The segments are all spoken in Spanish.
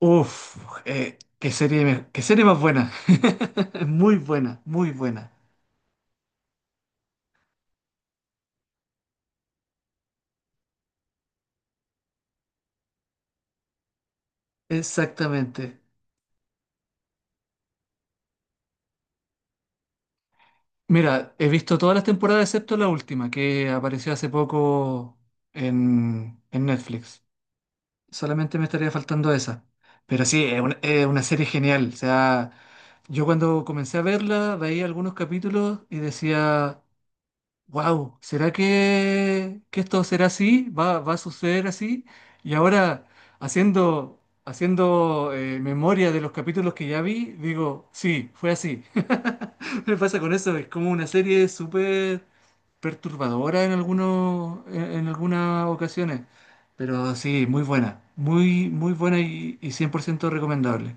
Uf, qué serie, qué serie más buena. Muy buena, muy buena. Exactamente. Mira, he visto todas las temporadas excepto la última, que apareció hace poco en Netflix. Solamente me estaría faltando esa. Pero sí, es una serie genial. O sea, yo cuando comencé a verla, veía algunos capítulos y decía, wow, ¿será que esto será así? ¿Va a suceder así? Y ahora, haciendo memoria de los capítulos que ya vi, digo, sí, fue así. Me pasa con eso, es como una serie súper perturbadora en algunos, en algunas ocasiones. Pero sí, muy buena, muy, muy buena y 100% recomendable.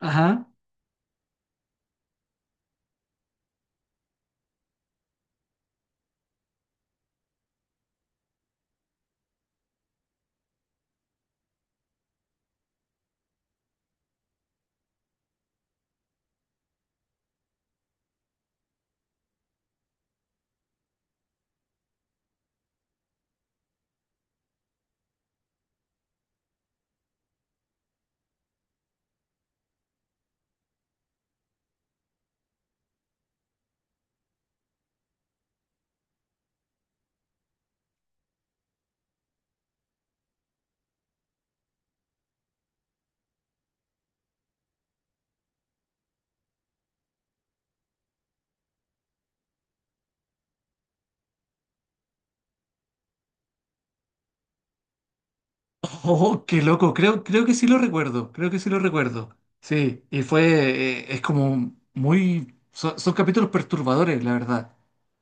Ajá. Oh, qué loco. Creo que sí lo recuerdo. Creo que sí lo recuerdo. Sí, y es como muy, son capítulos perturbadores, la verdad.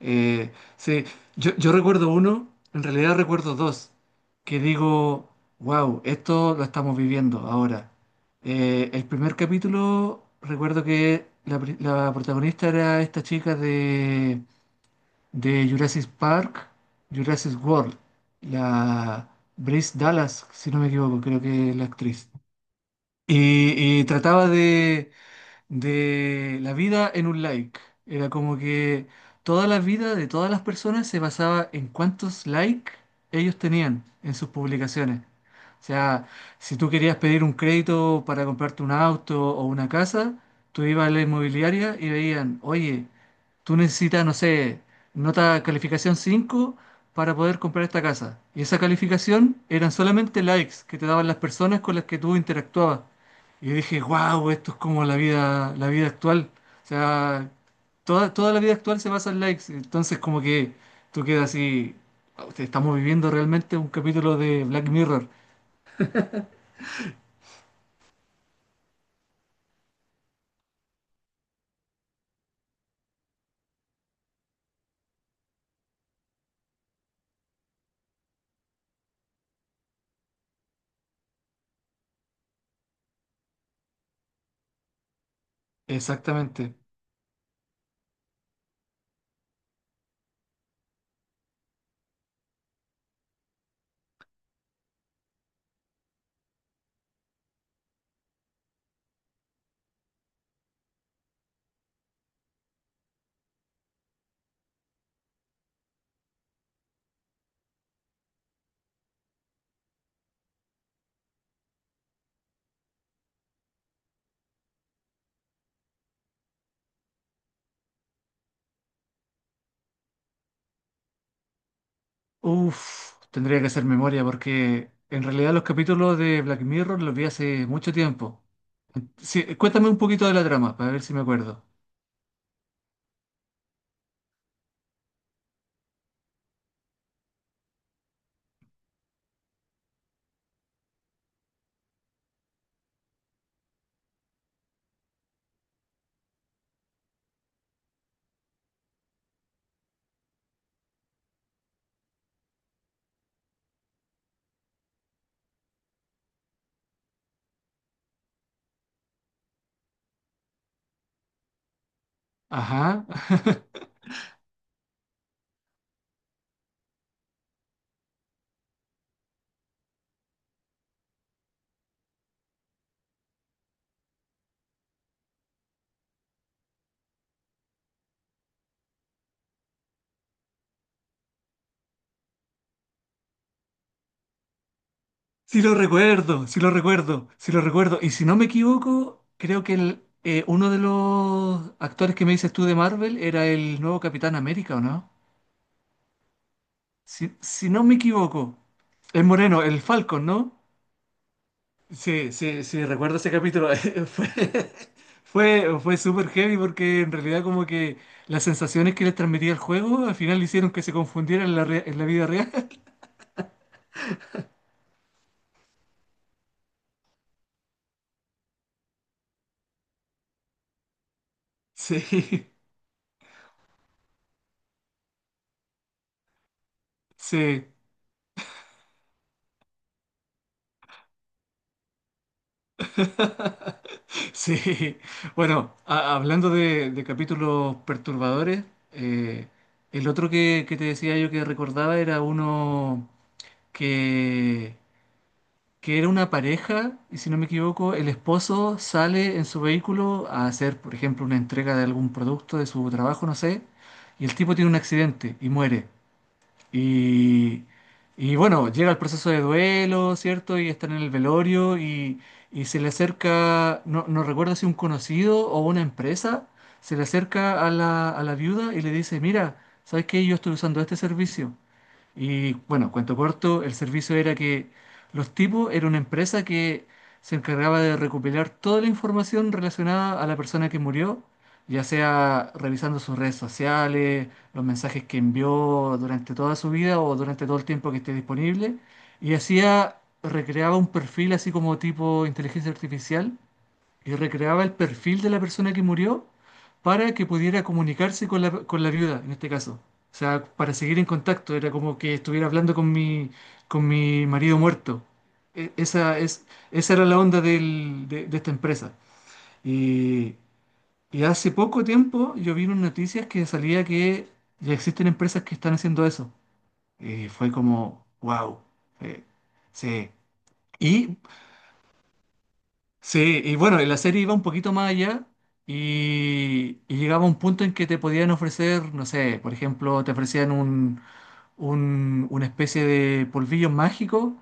Sí, yo recuerdo uno, en realidad recuerdo dos, que digo, wow, esto lo estamos viviendo ahora. El primer capítulo, recuerdo que la protagonista era esta chica de Jurassic Park, Jurassic World, la Bryce Dallas, si no me equivoco, creo que es la actriz. Y trataba de la vida en un like. Era como que toda la vida de todas las personas se basaba en cuántos likes ellos tenían en sus publicaciones. O sea, si tú querías pedir un crédito para comprarte un auto o una casa, tú ibas a la inmobiliaria y veían, oye, tú necesitas, no sé, nota calificación 5 para poder comprar esta casa. Y esa calificación eran solamente likes que te daban las personas con las que tú interactuabas. Y yo dije, wow, esto es como la vida actual. O sea, toda la vida actual se basa en likes. Entonces, como que tú quedas así. "Wow, estamos viviendo realmente un capítulo de Black Mirror." Exactamente. Uf, tendría que hacer memoria porque en realidad los capítulos de Black Mirror los vi hace mucho tiempo. Sí, cuéntame un poquito de la trama para ver si me acuerdo. Ajá. Sí lo recuerdo, sí lo recuerdo, sí lo recuerdo. Y si no me equivoco, creo que uno de los actores que me dices tú de Marvel era el nuevo Capitán América, ¿o no? Si no me equivoco, el moreno, el Falcon, ¿no? Sí, sí, sí, recuerdo ese capítulo. Fue súper heavy porque en realidad como que las sensaciones que les transmitía el juego al final hicieron que se confundieran en en la vida real. Sí, sí. Sí, bueno, hablando de capítulos perturbadores, eh, el otro que te decía yo que recordaba era uno que, que era una pareja, y si no me equivoco, el esposo sale en su vehículo a hacer, por ejemplo, una entrega de algún producto de su trabajo, no sé, y el tipo tiene un accidente y muere. Y, y bueno, llega el proceso de duelo, ¿cierto? Y están en el velorio y se le acerca, no, no recuerdo si un conocido o una empresa, se le acerca a la viuda y le dice, mira, ¿sabes qué? Yo estoy usando este servicio. Y bueno, cuento corto, el servicio era que los tipos era una empresa que se encargaba de recopilar toda la información relacionada a la persona que murió, ya sea revisando sus redes sociales, los mensajes que envió durante toda su vida o durante todo el tiempo que esté disponible, y hacía, recreaba un perfil así como tipo inteligencia artificial y recreaba el perfil de la persona que murió para que pudiera comunicarse con la viuda, en este caso. O sea, para seguir en contacto, era como que estuviera hablando con mi marido muerto. E- esa, es, Esa era la onda de esta empresa. Y, y hace poco tiempo yo vi unas noticias que salía que ya existen empresas que están haciendo eso. Y fue como, wow. Sí. Y sí, y bueno, y, la serie iba un poquito más allá y llegaba a un punto en que te podían ofrecer, no sé, por ejemplo, te ofrecían una especie de polvillos mágicos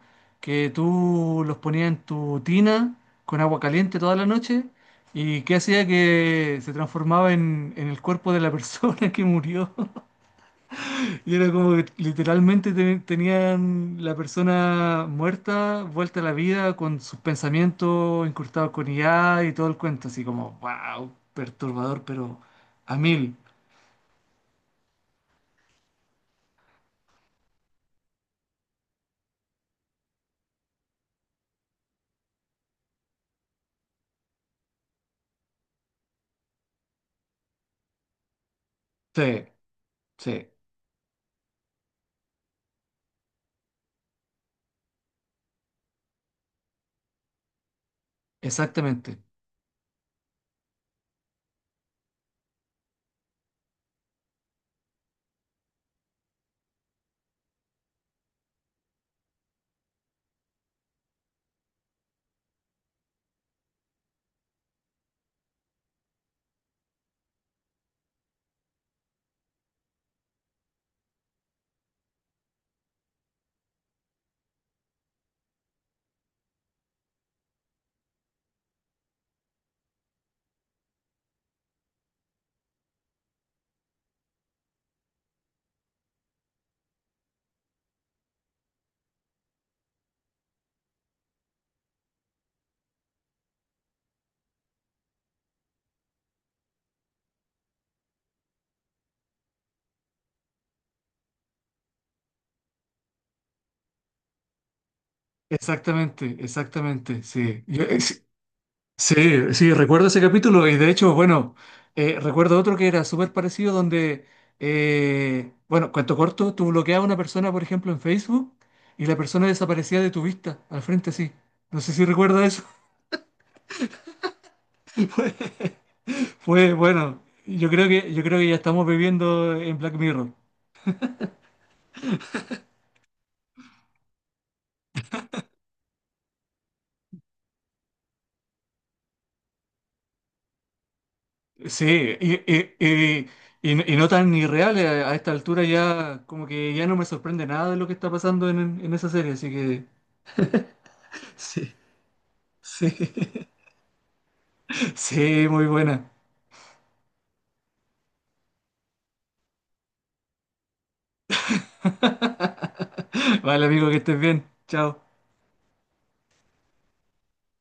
que tú los ponías en tu tina con agua caliente toda la noche y que hacía que se transformaba en el cuerpo de la persona que murió. Y era como que literalmente tenían la persona muerta, vuelta a la vida, con sus pensamientos incrustados con IA y todo el cuento, así como, wow, perturbador, pero a mil. Sí, sí, exactamente, exactamente, exactamente, sí. Sí, sí, recuerdo ese capítulo y de hecho, bueno, recuerdo otro que era súper parecido donde, bueno, cuento corto, tú bloqueabas a una persona, por ejemplo, en Facebook y la persona desaparecía de tu vista, al frente sí. No sé si recuerdas eso. Bueno, yo creo que ya estamos viviendo en Black Mirror. Sí, y no tan irreales a esta altura ya, como que ya no me sorprende nada de lo que está pasando en esa serie, así que sí, sí. Sí, muy buena. Vale, amigo, que estés bien. Chao.